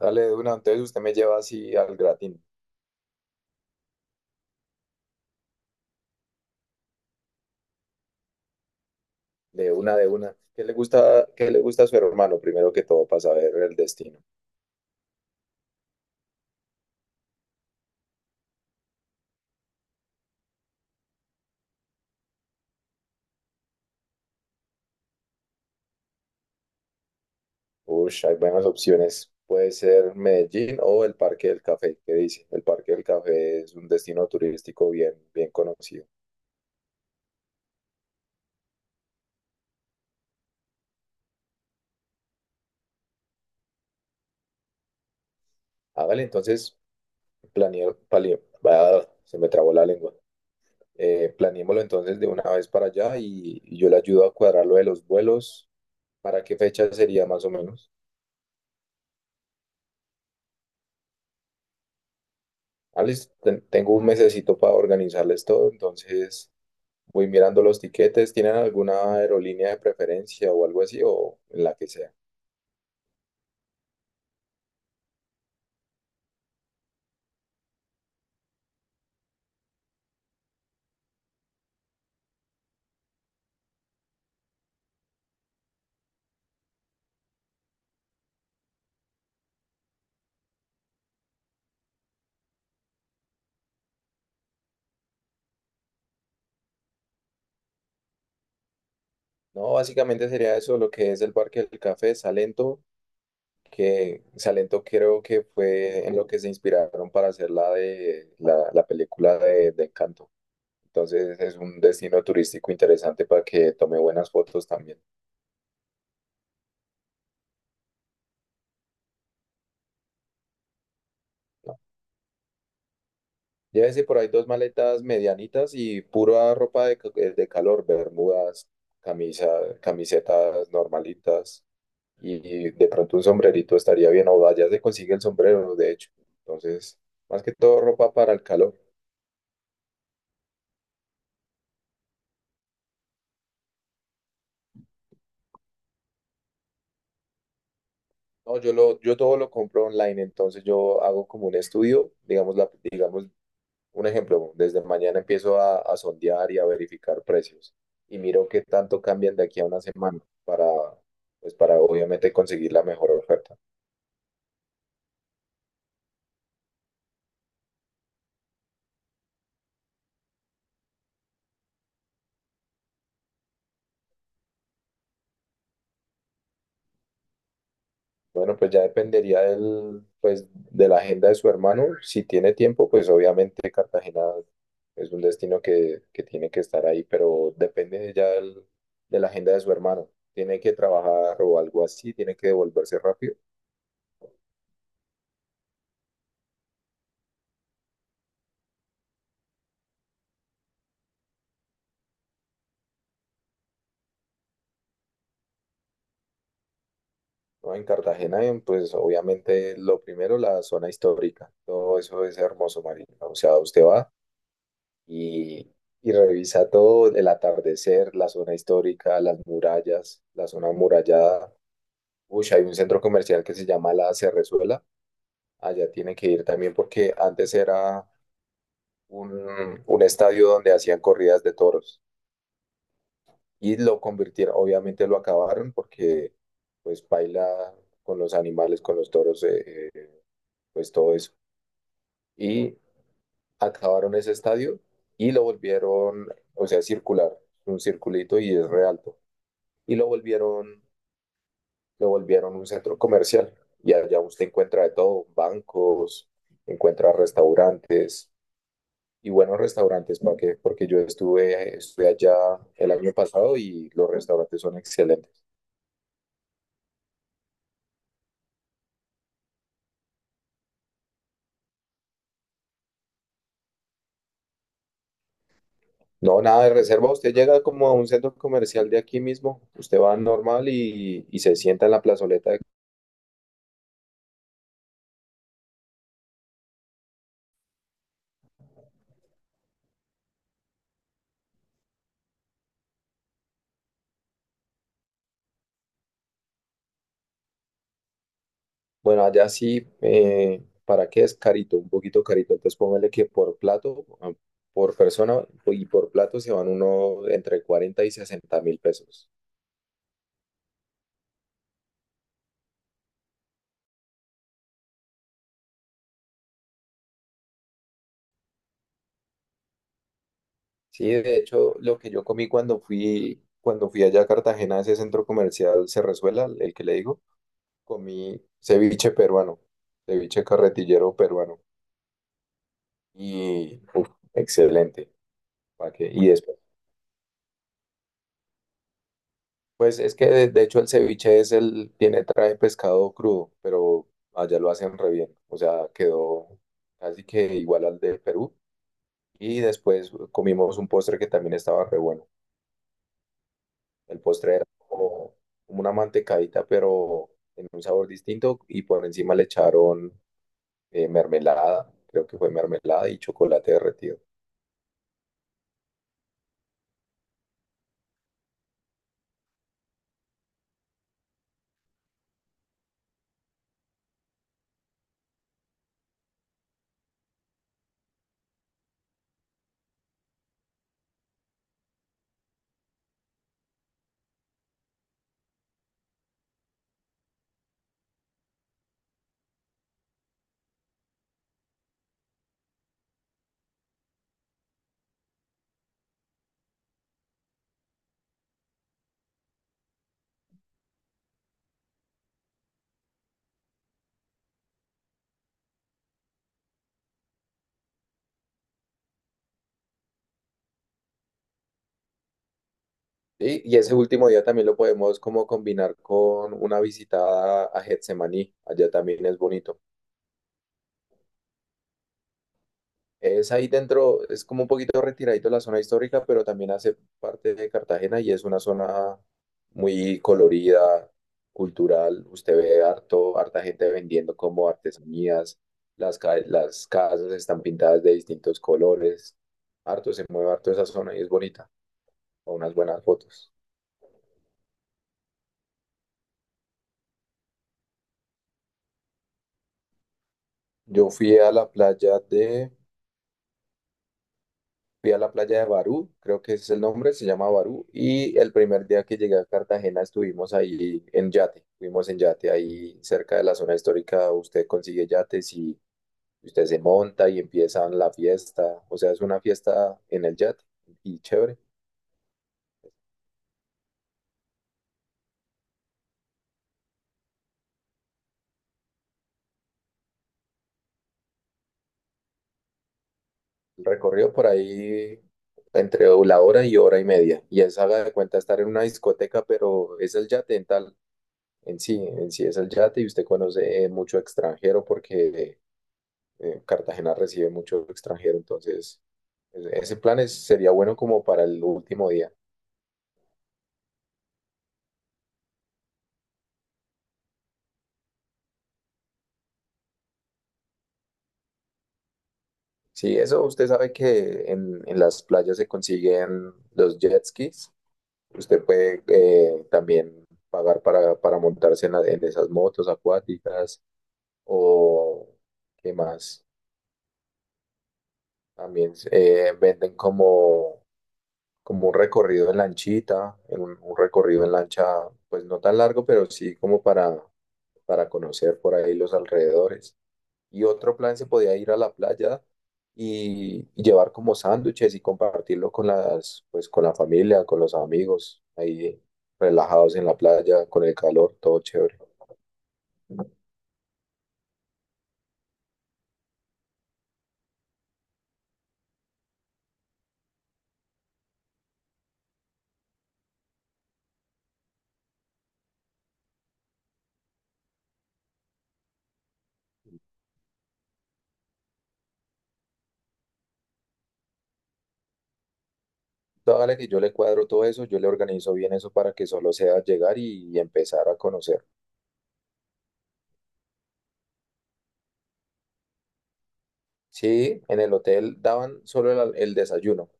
Dale de una, entonces usted me lleva así al gratín, de una de una. ¿Qué le gusta a su hermano primero que todo para saber el destino? Ush, hay buenas opciones. Puede ser Medellín o el Parque del Café. ¿Qué dice? El Parque del Café es un destino turístico bien, bien conocido. Hágale entonces, planeo, bah, se me trabó la lengua. Planeémoslo entonces de una vez para allá y, yo le ayudo a cuadrar lo de los vuelos. ¿Para qué fecha sería más o menos? Ah, listo, tengo un mesecito para organizarles todo, entonces voy mirando los tiquetes. ¿Tienen alguna aerolínea de preferencia o algo así o en la que sea? No, básicamente sería eso, lo que es el Parque del Café, Salento, que Salento creo que fue en lo que se inspiraron para hacer la de la película de Encanto. Entonces es un destino turístico interesante para que tome buenas fotos también. ¿No? Llévese por ahí dos maletas medianitas y pura ropa de calor, bermudas, camisa, camisetas normalitas y de pronto un sombrerito estaría bien, o allá se consigue el sombrero, de hecho. Entonces, más que todo ropa para el calor. No, yo todo lo compro online, entonces yo hago como un estudio, digamos, digamos, un ejemplo, desde mañana empiezo a sondear y a verificar precios y miro qué tanto cambian de aquí a una semana para, pues para obviamente conseguir la mejor oferta. Bueno, pues ya dependería pues, de la agenda de su hermano. Si tiene tiempo, pues obviamente Cartagena es un destino que tiene que estar ahí, pero depende ya de la agenda de su hermano. Tiene que trabajar o algo así, tiene que devolverse rápido, ¿no? En Cartagena, pues obviamente lo primero, la zona histórica. Todo eso es hermoso, Marina. O sea, usted va y, revisa todo, el atardecer, la zona histórica, las murallas, la zona amurallada. Uy, hay un centro comercial que se llama La Cerrezuela. Allá tiene que ir también porque antes era un estadio donde hacían corridas de toros y lo convirtieron, obviamente lo acabaron porque pues baila con los animales, con los toros, pues todo eso. Y acabaron ese estadio y lo volvieron, o sea, circular, un circulito y es re alto. Y lo volvieron un centro comercial y allá usted encuentra de todo, bancos, encuentra restaurantes y buenos restaurantes para que, porque yo estuve allá el año pasado y los restaurantes son excelentes. No, nada de reserva, usted llega como a un centro comercial de aquí mismo, usted va normal y, se sienta en la plazoleta. Bueno, allá sí, ¿para qué es carito? Un poquito carito, entonces póngale que por plato, por persona y por plato se van uno entre 40 y 60 mil pesos. Sí, de hecho, lo que yo comí cuando fui allá a Cartagena, a ese centro comercial Cerrezuela, el que le digo, comí ceviche peruano, ceviche carretillero peruano. Y, uf, excelente. ¿Para qué? Y después, pues es que de hecho el ceviche trae pescado crudo, pero allá lo hacen re bien. O sea, quedó casi que igual al de Perú. Y después comimos un postre que también estaba re bueno. El postre era como una mantecadita, pero en un sabor distinto y por encima le echaron mermelada, creo que fue mermelada y chocolate derretido. Sí, ese último día también lo podemos como combinar con una visita a Getsemaní, allá también es bonito. Es ahí dentro, es como un poquito retiradito la zona histórica, pero también hace parte de Cartagena y es una zona muy colorida, cultural. Usted ve harto, harta gente vendiendo como artesanías, las casas están pintadas de distintos colores. Harto, se mueve harto esa zona y es bonita, con unas buenas fotos. Yo fui a la playa de Fui a la playa de Barú, creo que ese es el nombre, se llama Barú, y el primer día que llegué a Cartagena estuvimos ahí en yate, fuimos en yate ahí cerca de la zona histórica, usted consigue yates y usted se monta y empiezan la fiesta, o sea, es una fiesta en el yate y chévere. El recorrido por ahí entre la hora y hora y media, y es haga de cuenta estar en una discoteca, pero es el yate en tal, en sí es el yate y usted conoce mucho extranjero porque Cartagena recibe mucho extranjero, entonces ese plan sería bueno como para el último día. Sí, eso usted sabe que en las playas se consiguen los jet skis. Usted puede también pagar para montarse en esas motos acuáticas o qué más. También venden como un recorrido en lanchita, en un recorrido en lancha, pues no tan largo, pero sí como para conocer por ahí los alrededores. Y otro plan se podía ir a la playa y, llevar como sándwiches y compartirlo con pues con la familia, con los amigos, ahí relajados en la playa, con el calor, todo chévere. Dale que yo le cuadro todo eso, yo le organizo bien eso para que solo sea llegar y, empezar a conocer. Sí, en el hotel daban solo el desayuno,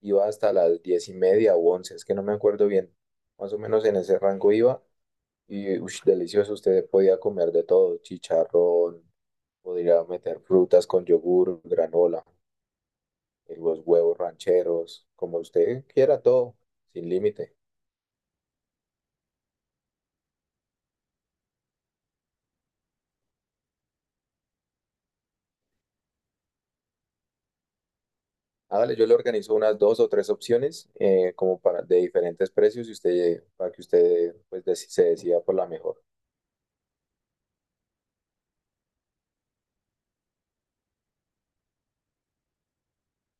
iba hasta las 10:30 u 11:00, es que no me acuerdo bien, más o menos en ese rango iba. Y ush, delicioso, usted podía comer de todo, chicharrón, podría meter frutas con yogur, granola, los huevos rancheros, como usted quiera, todo, sin límite. Hágale, yo le organizo unas dos o tres opciones como para de diferentes precios y usted para que usted pues se decida por la mejor.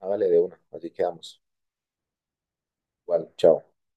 Hágale de una, así quedamos. Igual, chao.